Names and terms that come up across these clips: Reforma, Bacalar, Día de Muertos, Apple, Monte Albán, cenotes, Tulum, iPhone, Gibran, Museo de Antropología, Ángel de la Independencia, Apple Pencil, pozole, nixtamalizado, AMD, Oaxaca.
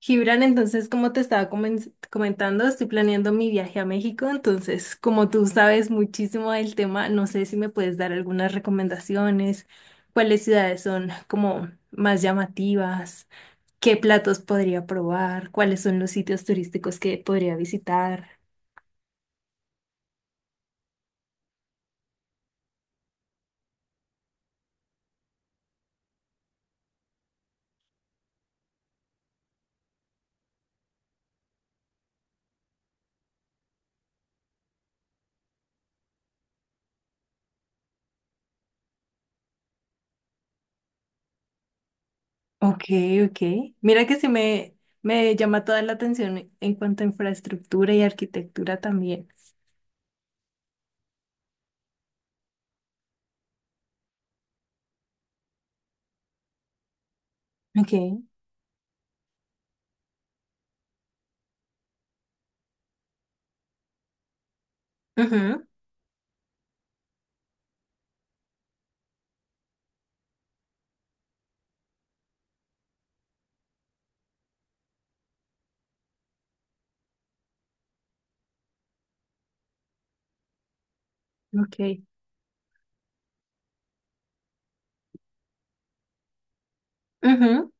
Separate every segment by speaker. Speaker 1: Gibran, entonces, como te estaba comentando, estoy planeando mi viaje a México. Entonces, como tú sabes muchísimo del tema, no sé si me puedes dar algunas recomendaciones, cuáles ciudades son como más llamativas, qué platos podría probar, cuáles son los sitios turísticos que podría visitar. Ok, ok. Mira que sí Me llama toda la atención en cuanto a infraestructura y arquitectura también. Ok. Ujú, ok. Ujú,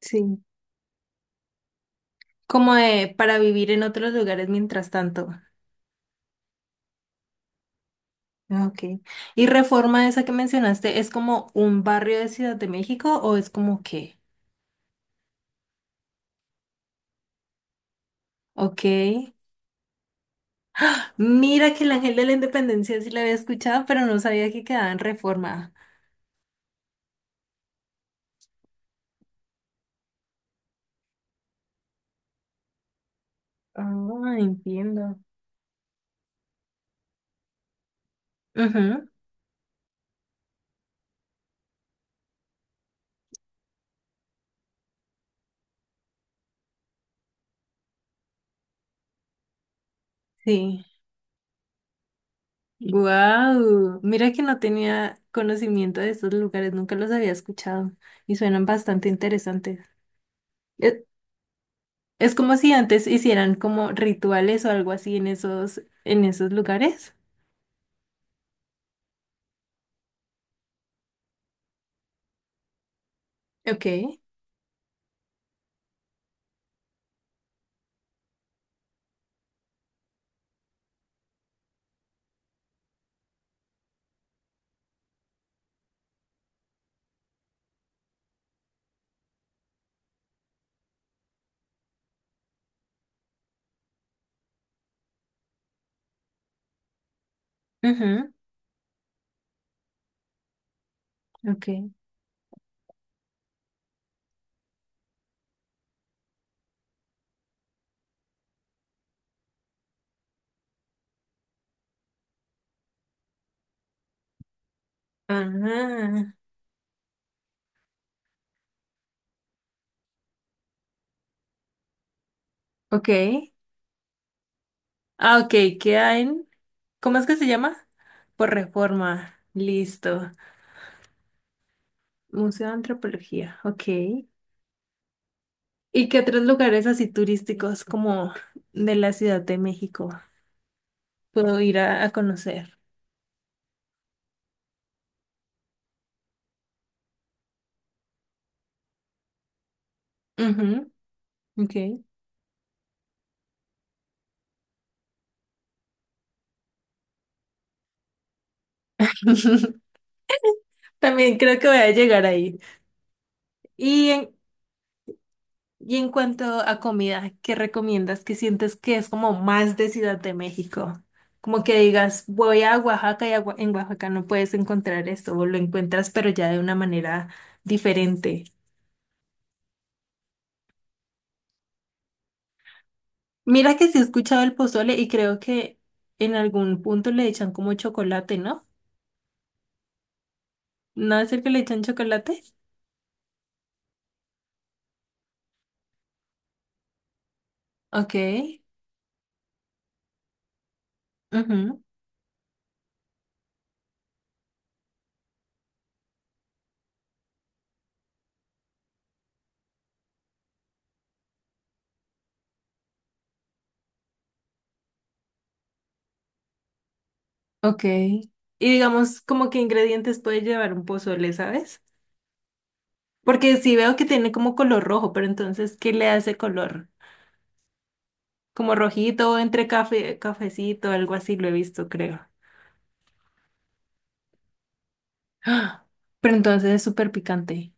Speaker 1: sí. Como de para vivir en otros lugares mientras tanto. Ah, ok. ¿Y Reforma, esa que mencionaste, es como un barrio de Ciudad de México o es como qué? Ok. Mira que el Ángel de la Independencia sí la había escuchado, pero no sabía que quedaba en Reforma. Ah, entiendo. Ujú, sí. Wow. Mira que no tenía conocimiento de estos lugares, nunca los había escuchado y suenan bastante interesantes. Eh, Es como si antes hicieran como rituales o algo así en esos lugares. Ok. Ujú, ok. Ah, ok. Ah, ok, queda en... ¿Cómo es que se llama? Por Reforma. Listo. Museo de Antropología. Ok. ¿Y qué otros lugares así turísticos como de la Ciudad de México puedo ir a conocer? Ujú, ok. También creo que voy a llegar ahí. ¿Y en, ¿Y en cuanto a comida, qué recomiendas? ¿Qué sientes que es como más de Ciudad de México? Como que digas, voy a Oaxaca y a en Oaxaca no puedes encontrar esto, o lo encuentras, pero ya de una manera diferente. Mira que sí he escuchado el pozole y creo que en algún punto le echan como chocolate, ¿no? ¿No es el que le echan chocolate? Ok, ujú, ok. Y digamos, ¿como que ingredientes puede llevar un pozole, sabes? Porque sí veo que tiene como color rojo, pero entonces, ¿qué le hace color? Como rojito, entre café, cafecito, algo así lo he visto, creo. ¡Ah! Pero entonces es súper picante.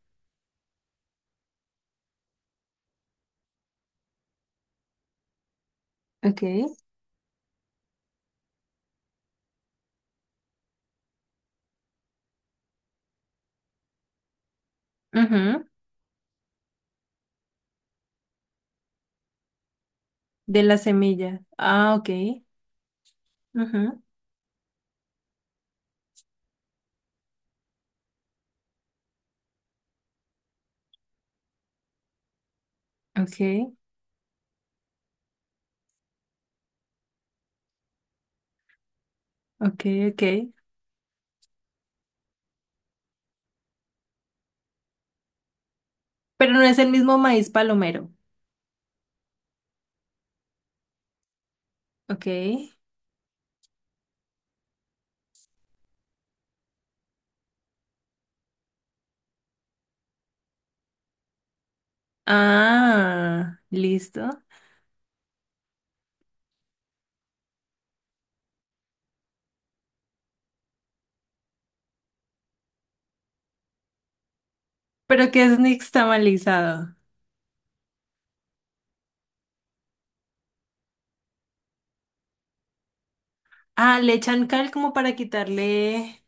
Speaker 1: Ok. Ujú, de la semilla. Ah, ok. Ujú, ok, ok, ok. Pero no es el mismo maíz palomero. Ok. Ah, listo. Pero que es nixtamalizado? Ah, le echan cal como para quitarle,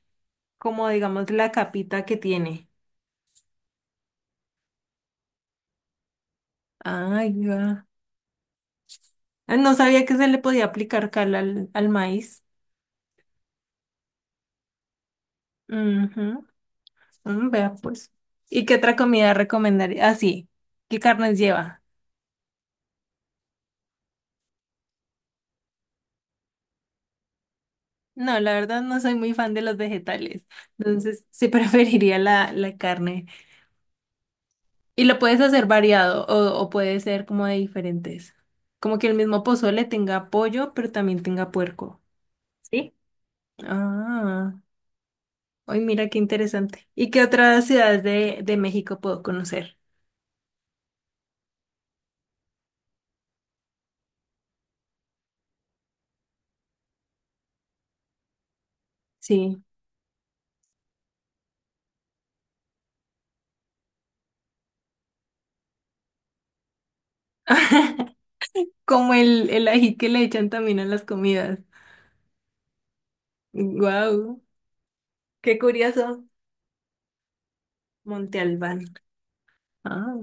Speaker 1: como digamos, la capita que tiene. Ay, ya. Ah, no sabía que se le podía aplicar cal al maíz. Ujú, vea pues. ¿Y qué otra comida recomendaría? Ah, sí. ¿Qué carnes lleva? No, la verdad no soy muy fan de los vegetales. Entonces sí preferiría la carne. Y ¿lo puedes hacer variado o puede ser como de diferentes? Como que el mismo pozole tenga pollo, pero también tenga puerco. ¿Sí? Ah, hoy, mira qué interesante. ¿Y qué otras ciudades de México puedo conocer? Sí. Como el ají que le echan también a las comidas. Wow, qué curioso. Monte Albán. Ah,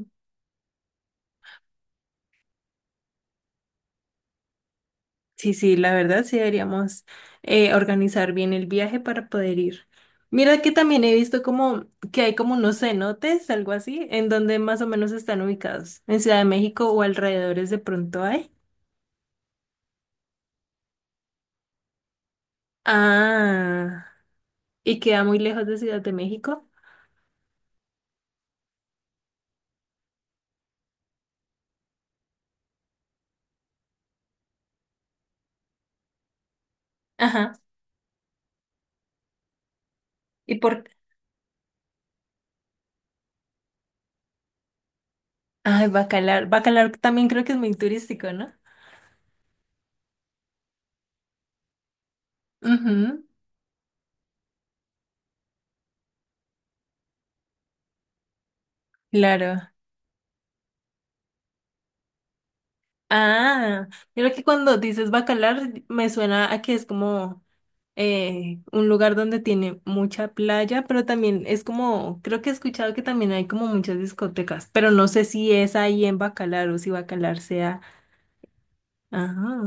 Speaker 1: sí, sí, la verdad sí deberíamos organizar bien el viaje para poder ir. Mira que también he visto como que hay como unos cenotes, algo así. ¿En donde más o menos están ubicados? ¿En Ciudad de México o alrededores de pronto hay? Ah, ¿y queda muy lejos de Ciudad de México? Ajá. Y por... Ay, Bacalar. Bacalar también creo que es muy turístico, ¿no? Ujú, claro. Ah, yo creo que cuando dices Bacalar me suena a que es como un lugar donde tiene mucha playa, pero también es como, creo que he escuchado que también hay como muchas discotecas, pero no sé si es ahí en Bacalar o si Bacalar sea, ajá,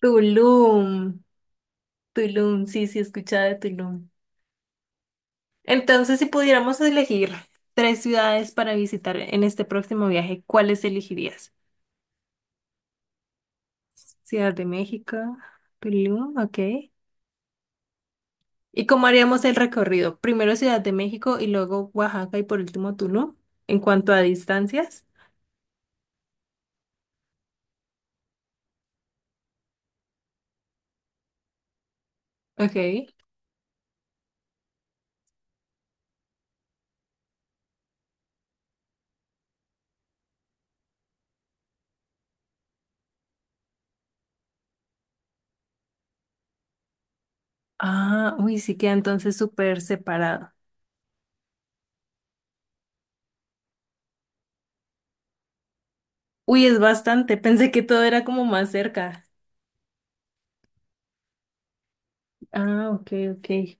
Speaker 1: Tulum, Tulum, sí, sí, he escuchado de Tulum. Entonces, si pudiéramos elegir tres ciudades para visitar en este próximo viaje, ¿cuáles elegirías? Ciudad de México, Tulum, ok. ¿Y cómo haríamos el recorrido? Primero Ciudad de México y luego Oaxaca y por último Tulum, en cuanto a distancias. Ok. Ah, uy, sí queda entonces súper separado. Uy, es bastante. Pensé que todo era como más cerca. Ah, ok, ok.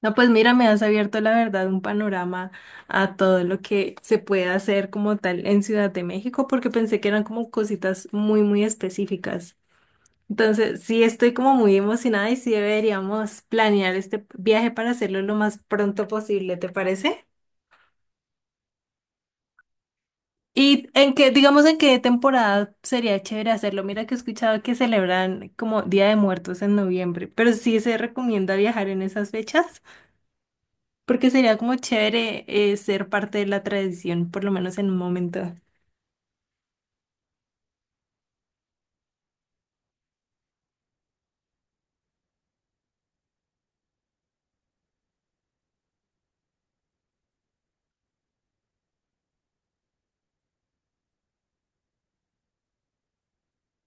Speaker 1: No, pues mira, me has abierto la verdad un panorama a todo lo que se puede hacer como tal en Ciudad de México, porque pensé que eran como cositas muy específicas. Entonces, sí estoy como muy emocionada y sí deberíamos planear este viaje para hacerlo lo más pronto posible, ¿te parece? ¿Y en qué, digamos, en qué temporada sería chévere hacerlo? Mira que he escuchado que celebran como Día de Muertos en noviembre, pero ¿sí se recomienda viajar en esas fechas porque sería como chévere, ser parte de la tradición, por lo menos en un momento?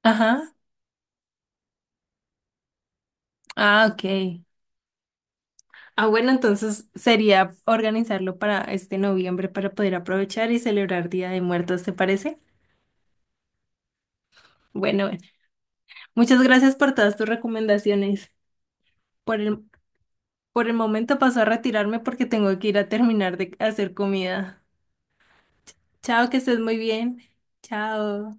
Speaker 1: Ajá. Ah, ok. Ah, bueno, entonces sería organizarlo para este noviembre para poder aprovechar y celebrar Día de Muertos, ¿te parece? Bueno, muchas gracias por todas tus recomendaciones. Por el, por el momento paso a retirarme porque tengo que ir a terminar de hacer comida. Chao, que estés muy bien. Chao.